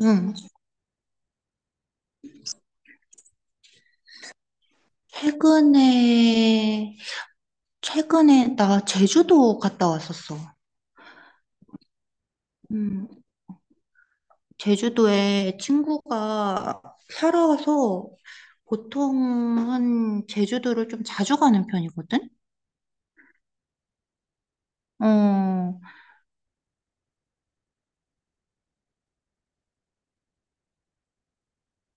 응. 최근에, 최근에 나 제주도 갔다 왔었어. 음, 제주도에 친구가 살아와서 보통은 제주도를 좀 자주 가는 편이거든? 어,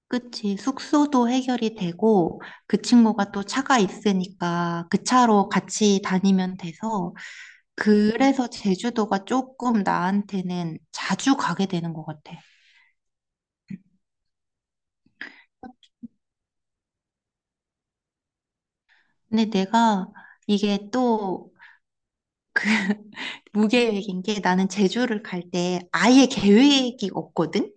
그치. 숙소도 해결이 되고 그 친구가 또 차가 있으니까 그 차로 같이 다니면 돼서 그래서 제주도가 조금 나한테는 자주 가게 되는 것 같아. 근데 내가 이게 또 무계획인 게 나는 제주를 갈 때 아예 계획이 없거든?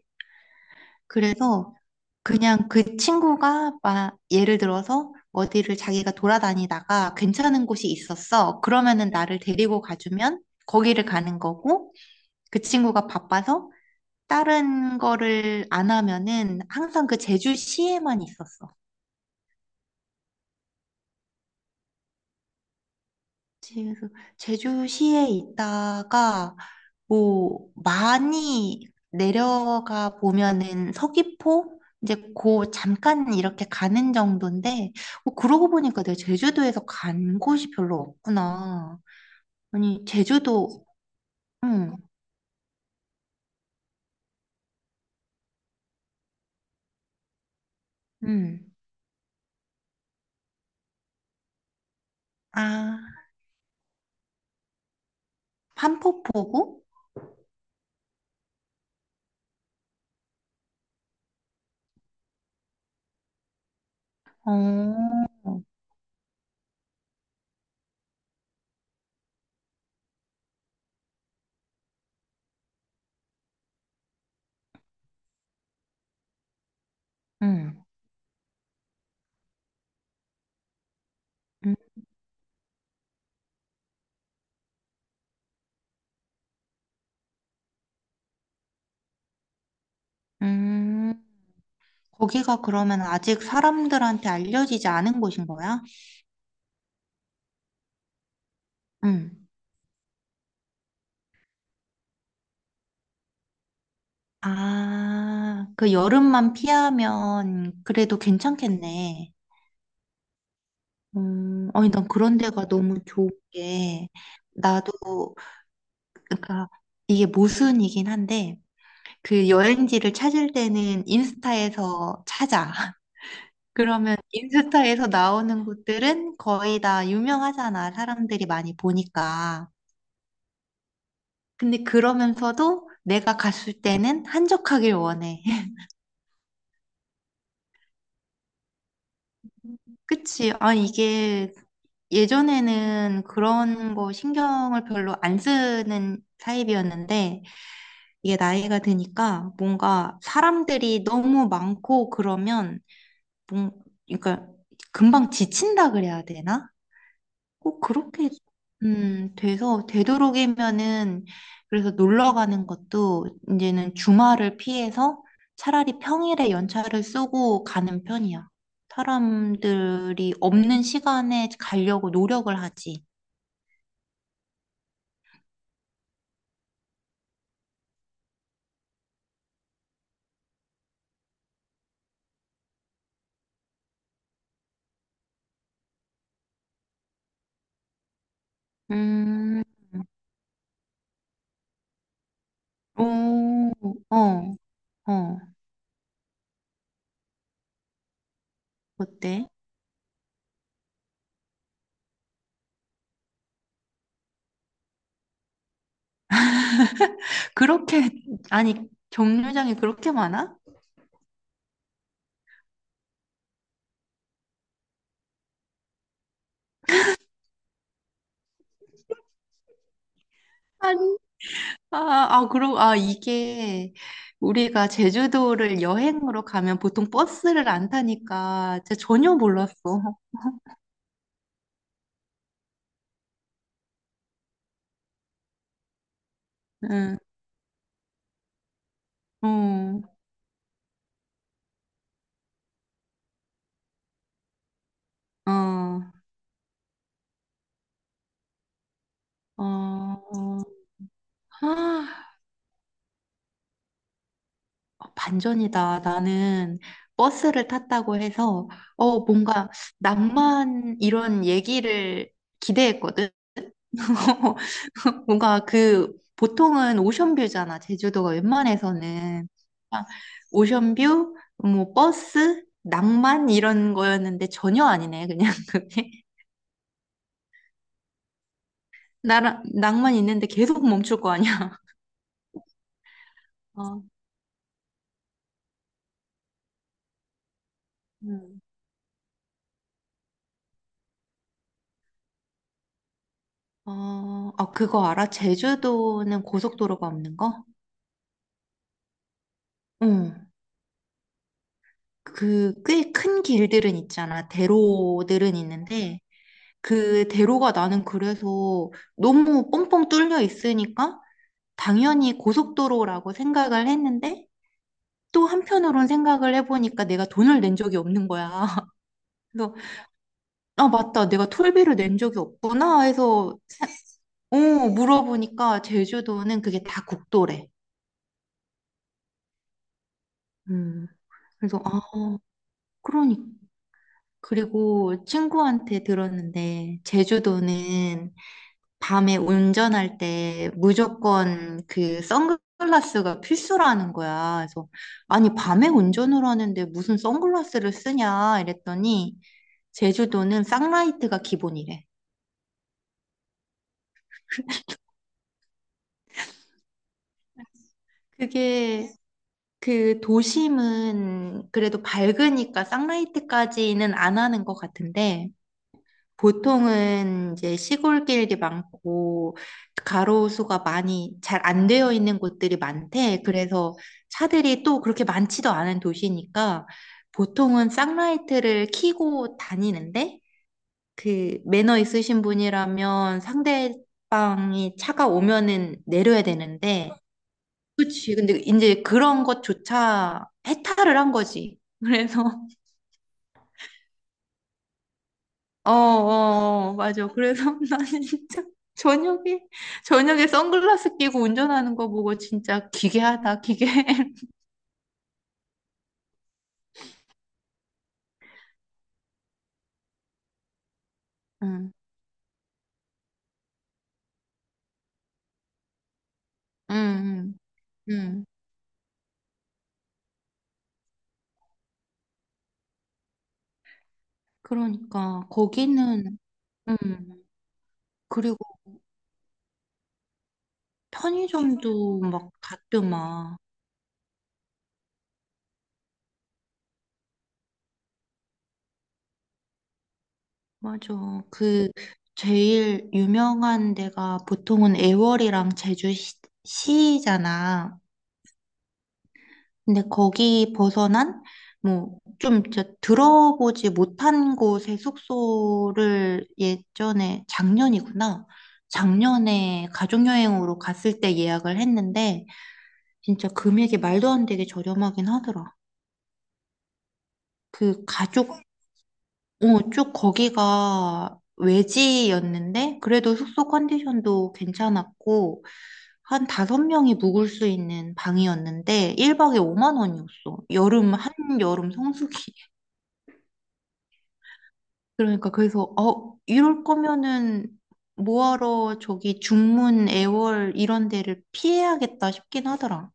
그래서 그냥 그 친구가 막 예를 들어서 어디를 자기가 돌아다니다가 괜찮은 곳이 있었어. 그러면은 나를 데리고 가주면 거기를 가는 거고 그 친구가 바빠서 다른 거를 안 하면은 항상 그 제주시에만 있었어. 그래서 제주시에 있다가 뭐 많이 내려가 보면은 서귀포 이제 고 잠깐 이렇게 가는 정도인데 뭐 그러고 보니까 내가 제주도에서 간 곳이 별로 없구나. 아니 제주도. 응, 응. 아, 판포포구? 어, 응, 응, 음. 거기가 그러면 아직 사람들한테 알려지지 않은 곳인 거야? 응. 아, 그 여름만 피하면 그래도 괜찮겠네. 아니, 난 그런 데가 너무 좋은 게, 나도, 그러니까, 이게 모순이긴 한데, 그 여행지를 찾을 때는 인스타에서 찾아. 그러면 인스타에서 나오는 곳들은 거의 다 유명하잖아. 사람들이 많이 보니까. 근데 그러면서도 내가 갔을 때는 한적하길 원해. 그치? 아, 이게 예전에는 그런 거 신경을 별로 안 쓰는 타입이었는데, 이게 나이가 드니까 뭔가 사람들이 너무 많고 그러면 뭔 그러니까 금방 지친다 그래야 되나? 꼭 그렇게 돼서 되도록이면은 그래서 놀러 가는 것도 이제는 주말을 피해서 차라리 평일에 연차를 쓰고 가는 편이야. 사람들이 없는 시간에 가려고 노력을 하지. 음, 오, 어, 어, 어때? 그렇게. 아니 정류장이 그렇게 많아? 아니. 아, 아, 그럼, 아, 이게 우리가 제주도를 여행으로 가면 보통 버스를 안 타니까 진짜 전혀 몰랐어. 응, 어, 어, 어, 아, 어, 반전이다. 나는 버스를 탔다고 해서, 어, 뭔가 낭만 이런 얘기를 기대했거든. 뭔가 그, 보통은 오션뷰잖아. 제주도가 웬만해서는. 아, 오션뷰, 뭐, 버스, 낭만 이런 거였는데 전혀 아니네. 그냥 그게. 낭만 있는데 계속 멈출 거 아니야. 어, 음. 어, 아, 그거 알아? 제주도는 고속도로가 없는 거? 응. 그 꽤 큰 길들은 있잖아. 대로들은 있는데 그 대로가 나는 그래서 너무 뻥뻥 뚫려 있으니까 당연히 고속도로라고 생각을 했는데 또 한편으론 생각을 해보니까 내가 돈을 낸 적이 없는 거야. 그래서 아 맞다. 내가 톨비를 낸 적이 없구나 해서 어, 물어보니까 제주도는 그게 다 국도래. 음. 그래서 아, 그러니 그리고 친구한테 들었는데 제주도는 밤에 운전할 때 무조건 그 선글라스가 필수라는 거야. 그래서 아니 밤에 운전을 하는데 무슨 선글라스를 쓰냐 이랬더니 제주도는 쌍라이트가 기본이래. 그게 그 도심은 그래도 밝으니까 쌍라이트까지는 안 하는 것 같은데 보통은 이제 시골길이 많고 가로수가 많이 잘 안 되어 있는 곳들이 많대. 그래서 차들이 또 그렇게 많지도 않은 도시니까 보통은 쌍라이트를 켜고 다니는데 그 매너 있으신 분이라면 상대방이 차가 오면은 내려야 되는데 그치. 근데 이제 그런 것조차 해탈을 한 거지. 그래서 어, 어, 어, 맞아. 그래서 나는 진짜 저녁에, 저녁에 선글라스 끼고 운전하는 거 보고 진짜 기괴하다, 기괴. 응, 응, 응. 응. 그러니까, 거기는, 응. 그리고 편의점도 막 닫더만. 맞아. 그, 제일 유명한 데가 보통은 애월이랑 제주시잖아. 근데 거기 벗어난 뭐 좀 들어보지 못한 곳의 숙소를 예전에 작년이구나. 작년에 가족여행으로 갔을 때 예약을 했는데 진짜 금액이 말도 안 되게 저렴하긴 하더라. 그 가족 어, 쭉 거기가 외지였는데 그래도 숙소 컨디션도 괜찮았고 한 다섯 명이 묵을 수 있는 방이었는데 1박에 5만 원이었어. 여름 성수기. 그러니까 그래서 이럴 거면은 뭐하러 저기 중문 애월 이런 데를 피해야겠다 싶긴 하더라.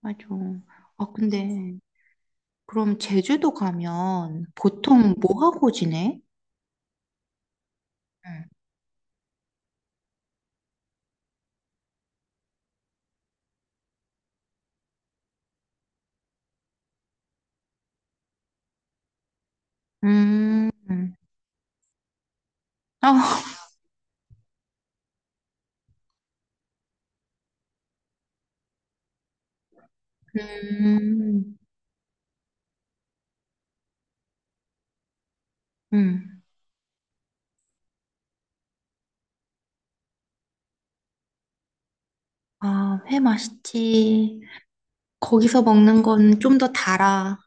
맞아. 아 근데 그럼 제주도 가면 보통 뭐 하고 지내? 응. 음. 아, 음. 음. 아, 회 맛있지. 거기서 먹는 건 좀 더 달아.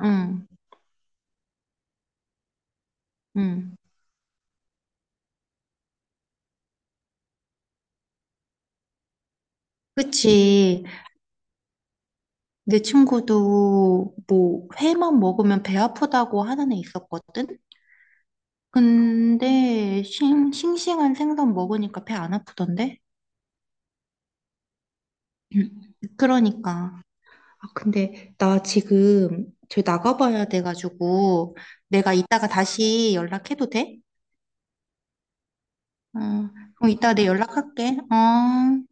응. 응. 그치. 내 친구도 뭐 회만 먹으면 배 아프다고 하는 애 있었거든? 근데 싱싱한 생선 먹으니까 배 안 아프던데? 음, 그러니까. 아, 근데 나 지금 저 나가봐야 돼가지고 내가 이따가 다시 연락해도 돼? 어, 그럼 이따가 내 연락할게. 어.